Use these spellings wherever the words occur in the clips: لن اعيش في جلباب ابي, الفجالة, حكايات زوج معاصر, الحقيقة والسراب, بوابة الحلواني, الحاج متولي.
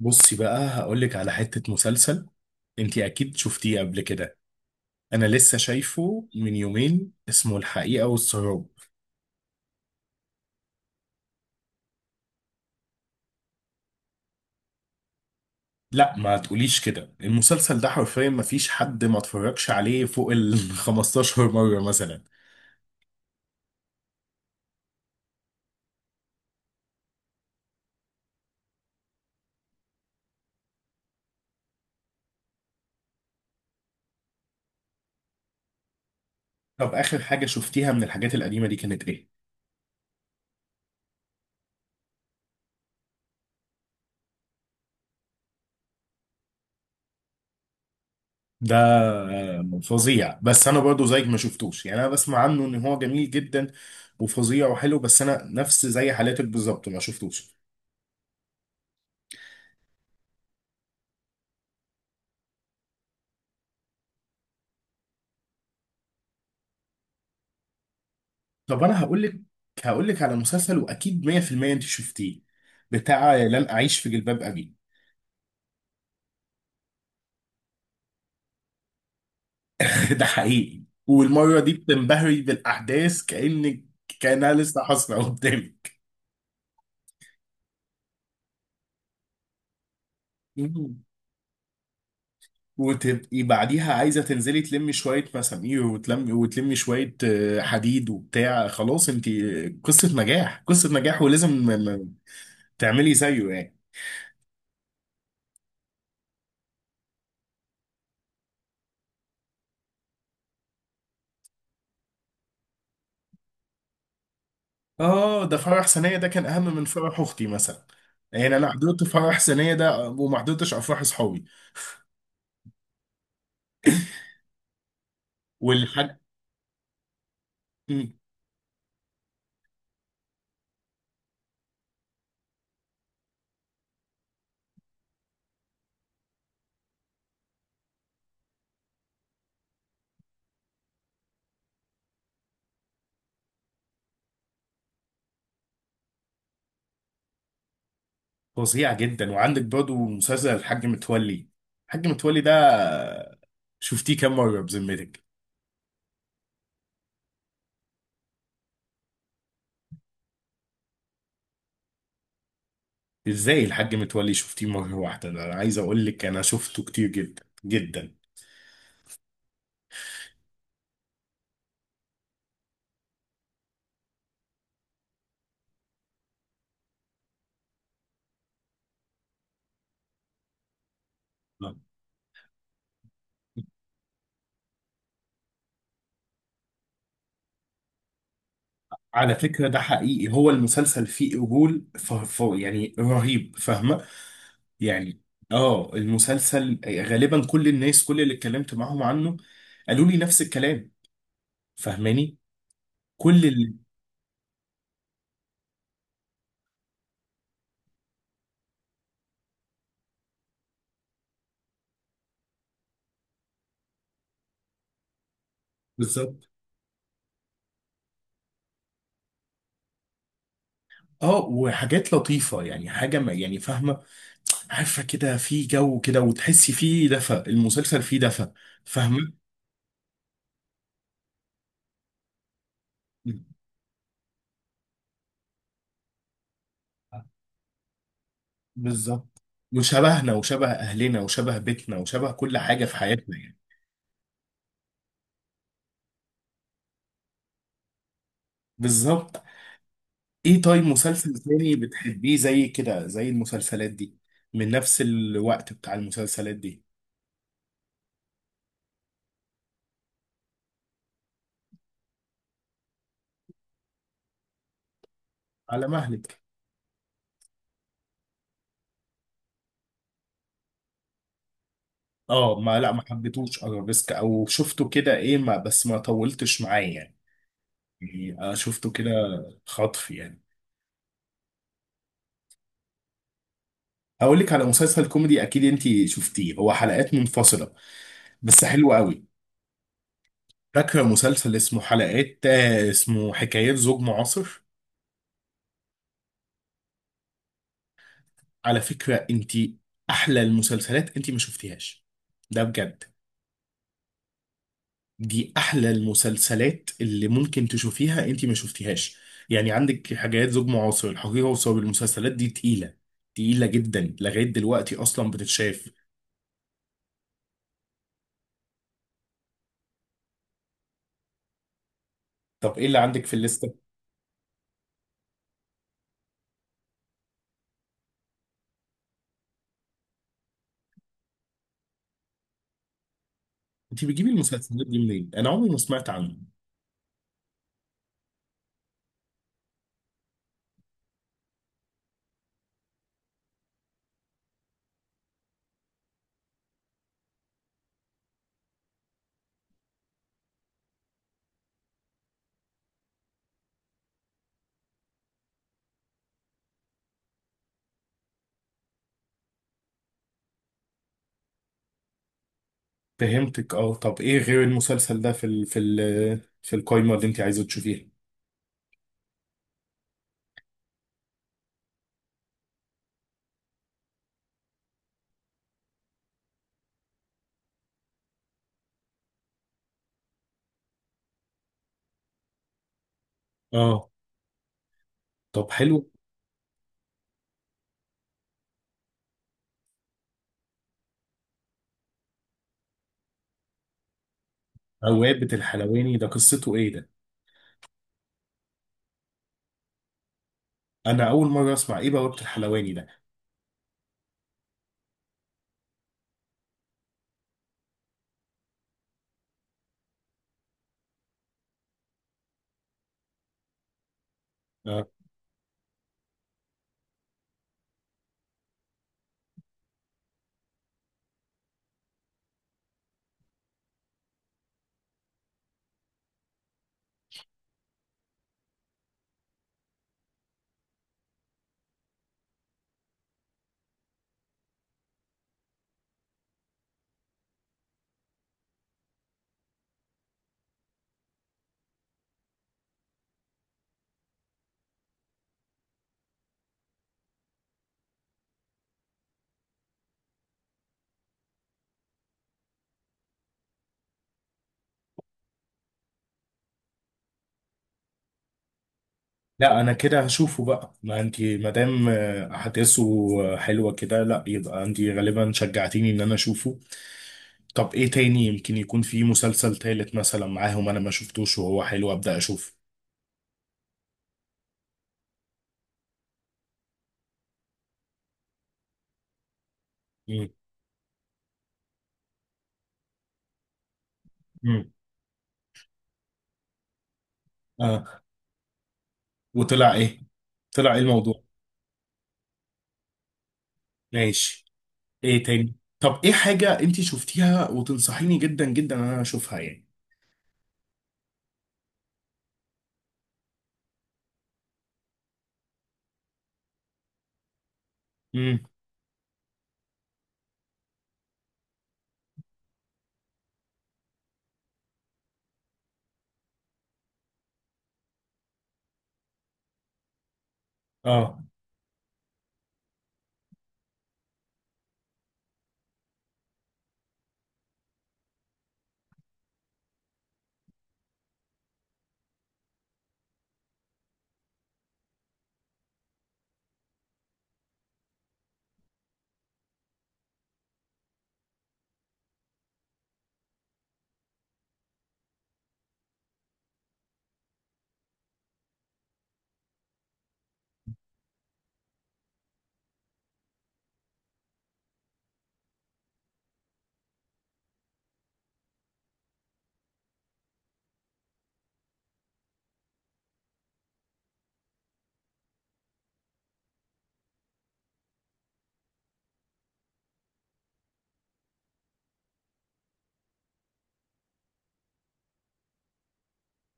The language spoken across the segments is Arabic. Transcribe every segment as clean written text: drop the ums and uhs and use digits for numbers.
بصي بقى هقولك على حتة مسلسل، انتي اكيد شفتيه قبل كده. انا لسه شايفه من يومين اسمه الحقيقة والسراب. لا ما تقوليش كده، المسلسل ده حرفيا ما فيش حد ما اتفرجش عليه فوق ال 15 مرة مثلا. طب اخر حاجة شفتيها من الحاجات القديمة دي كانت ايه؟ ده فظيع، بس انا برضو زيك ما شفتوش، يعني انا بسمع عنه ان هو جميل جدا وفظيع وحلو، بس انا نفس زي حالاتك بالظبط ما شفتوش. طب انا هقول لك، على مسلسل واكيد 100% انت شفتيه، بتاع لن اعيش في جلباب ابي. ده حقيقي، والمره دي بتنبهري بالاحداث كانك، كانها لسه حاصله قدامك. مم. وتبقي بعديها عايزه تنزلي تلمي شويه مسامير، وتلمي وتلمي شويه حديد وبتاع، خلاص انت قصه نجاح، قصه نجاح، ولازم تعملي زيه يعني. اه ده فرح سنية ده كان اهم من فرح اختي مثلا، يعني انا حضرت فرح سنية ده وما حضرتش افراح اصحابي. والحاج فظيع جدا. وعندك برضه مسلسل الحاج متولي، الحاج متولي ده شفتيه كام مرة بذمتك؟ ازاي الحاج متولي شفتيه مرة واحدة؟ ده انا عايز اقول لك انا شفته كتير جدا جدا. على فكرة ده حقيقي، هو المسلسل فيه قبول يعني رهيب، فاهمة يعني؟ اه المسلسل غالبا كل الناس، كل اللي اتكلمت معاهم عنه قالوا لي نفس الكلام، فاهماني؟ كل اللي بالظبط. اه وحاجات لطيفة، يعني حاجة ما، يعني فاهمة، عارفة كده، في جو كده وتحسي فيه دفى، المسلسل فيه دفى، فاهمة؟ بالظبط، وشبهنا وشبه اهلنا وشبه بيتنا وشبه كل حاجة في حياتنا يعني. بالظبط. ايه طيب مسلسل تاني بتحبيه زي كده، زي المسلسلات دي، من نفس الوقت بتاع المسلسلات دي؟ على مهلك. اه، ما لا ما حبيتهوش ارابيسك، او شفته كده ايه، ما بس ما طولتش معاه يعني، يعني أنا شفته كده خطف يعني. هقول لك على مسلسل كوميدي اكيد انت شفتيه، هو حلقات منفصله بس حلو قوي. فاكره مسلسل اسمه حلقات اسمه حكايات زوج معاصر؟ على فكره انت احلى المسلسلات انت ما شفتيهاش، ده بجد. دي احلى المسلسلات اللي ممكن تشوفيها انت ما شفتيهاش. يعني عندك حاجات زوج معاصر، الحقيقة وصواب، المسلسلات دي تقيلة، تقيلة جدا لغاية دلوقتي اصلا بتتشاف. طب ايه اللي عندك في الليستة؟ انت بتجيبي المسلسلات دي منين؟ انا عمري ما سمعت عنه. فهمتك، اه. طب ايه غير المسلسل ده في ال في ال في القايمة اللي انت عايزة تشوفيها؟ اه. طب حلو. بوابة الحلواني ده قصته ايه ده؟ انا اول مرة اسمع، ايه بوابة الحلواني ده؟ آه. لا انا كده هشوفه بقى، ما انت ما دام احداثه حلوه كده، لا يبقى انت غالبا شجعتيني ان انا اشوفه. طب ايه تاني، يمكن يكون في مسلسل تالت مثلا معاهم انا ما شفتوش وهو حلو، ابدا اشوفه. مم. مم. اه، وطلع ايه، طلع ايه الموضوع؟ ماشي. ايه تاني، طب ايه حاجه انت شفتيها وتنصحيني جدا جدا ان انا اشوفها يعني؟ مم. اه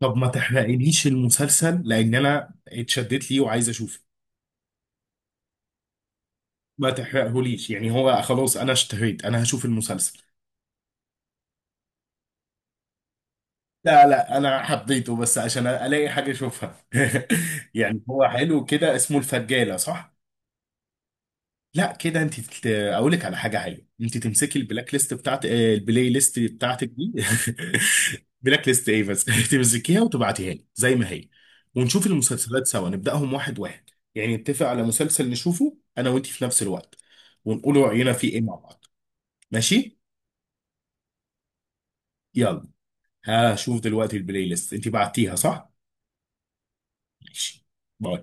طب ما تحرقليش المسلسل، لان انا اتشدت ليه وعايز اشوفه. ما تحرقهوليش يعني، هو خلاص انا اشتهيت، انا هشوف المسلسل. لا لا انا حبيته بس عشان الاقي حاجه اشوفها. يعني هو حلو كده، اسمه الفجاله صح؟ لا كده انت اقول لك على حاجه حلوه، انت تمسكي البلاك ليست بتاعت البلاي ليست بتاعتك دي. بلاك ليست ايه بس؟ تمسكيها وتبعتيها لي زي ما هي، ونشوف المسلسلات سوا، نبداهم واحد واحد. يعني نتفق على مسلسل نشوفه انا وانت في نفس الوقت، ونقول راينا فيه ايه مع بعض. ماشي. يلا، هشوف دلوقتي البلاي ليست انت بعتيها صح؟ ماشي. باي.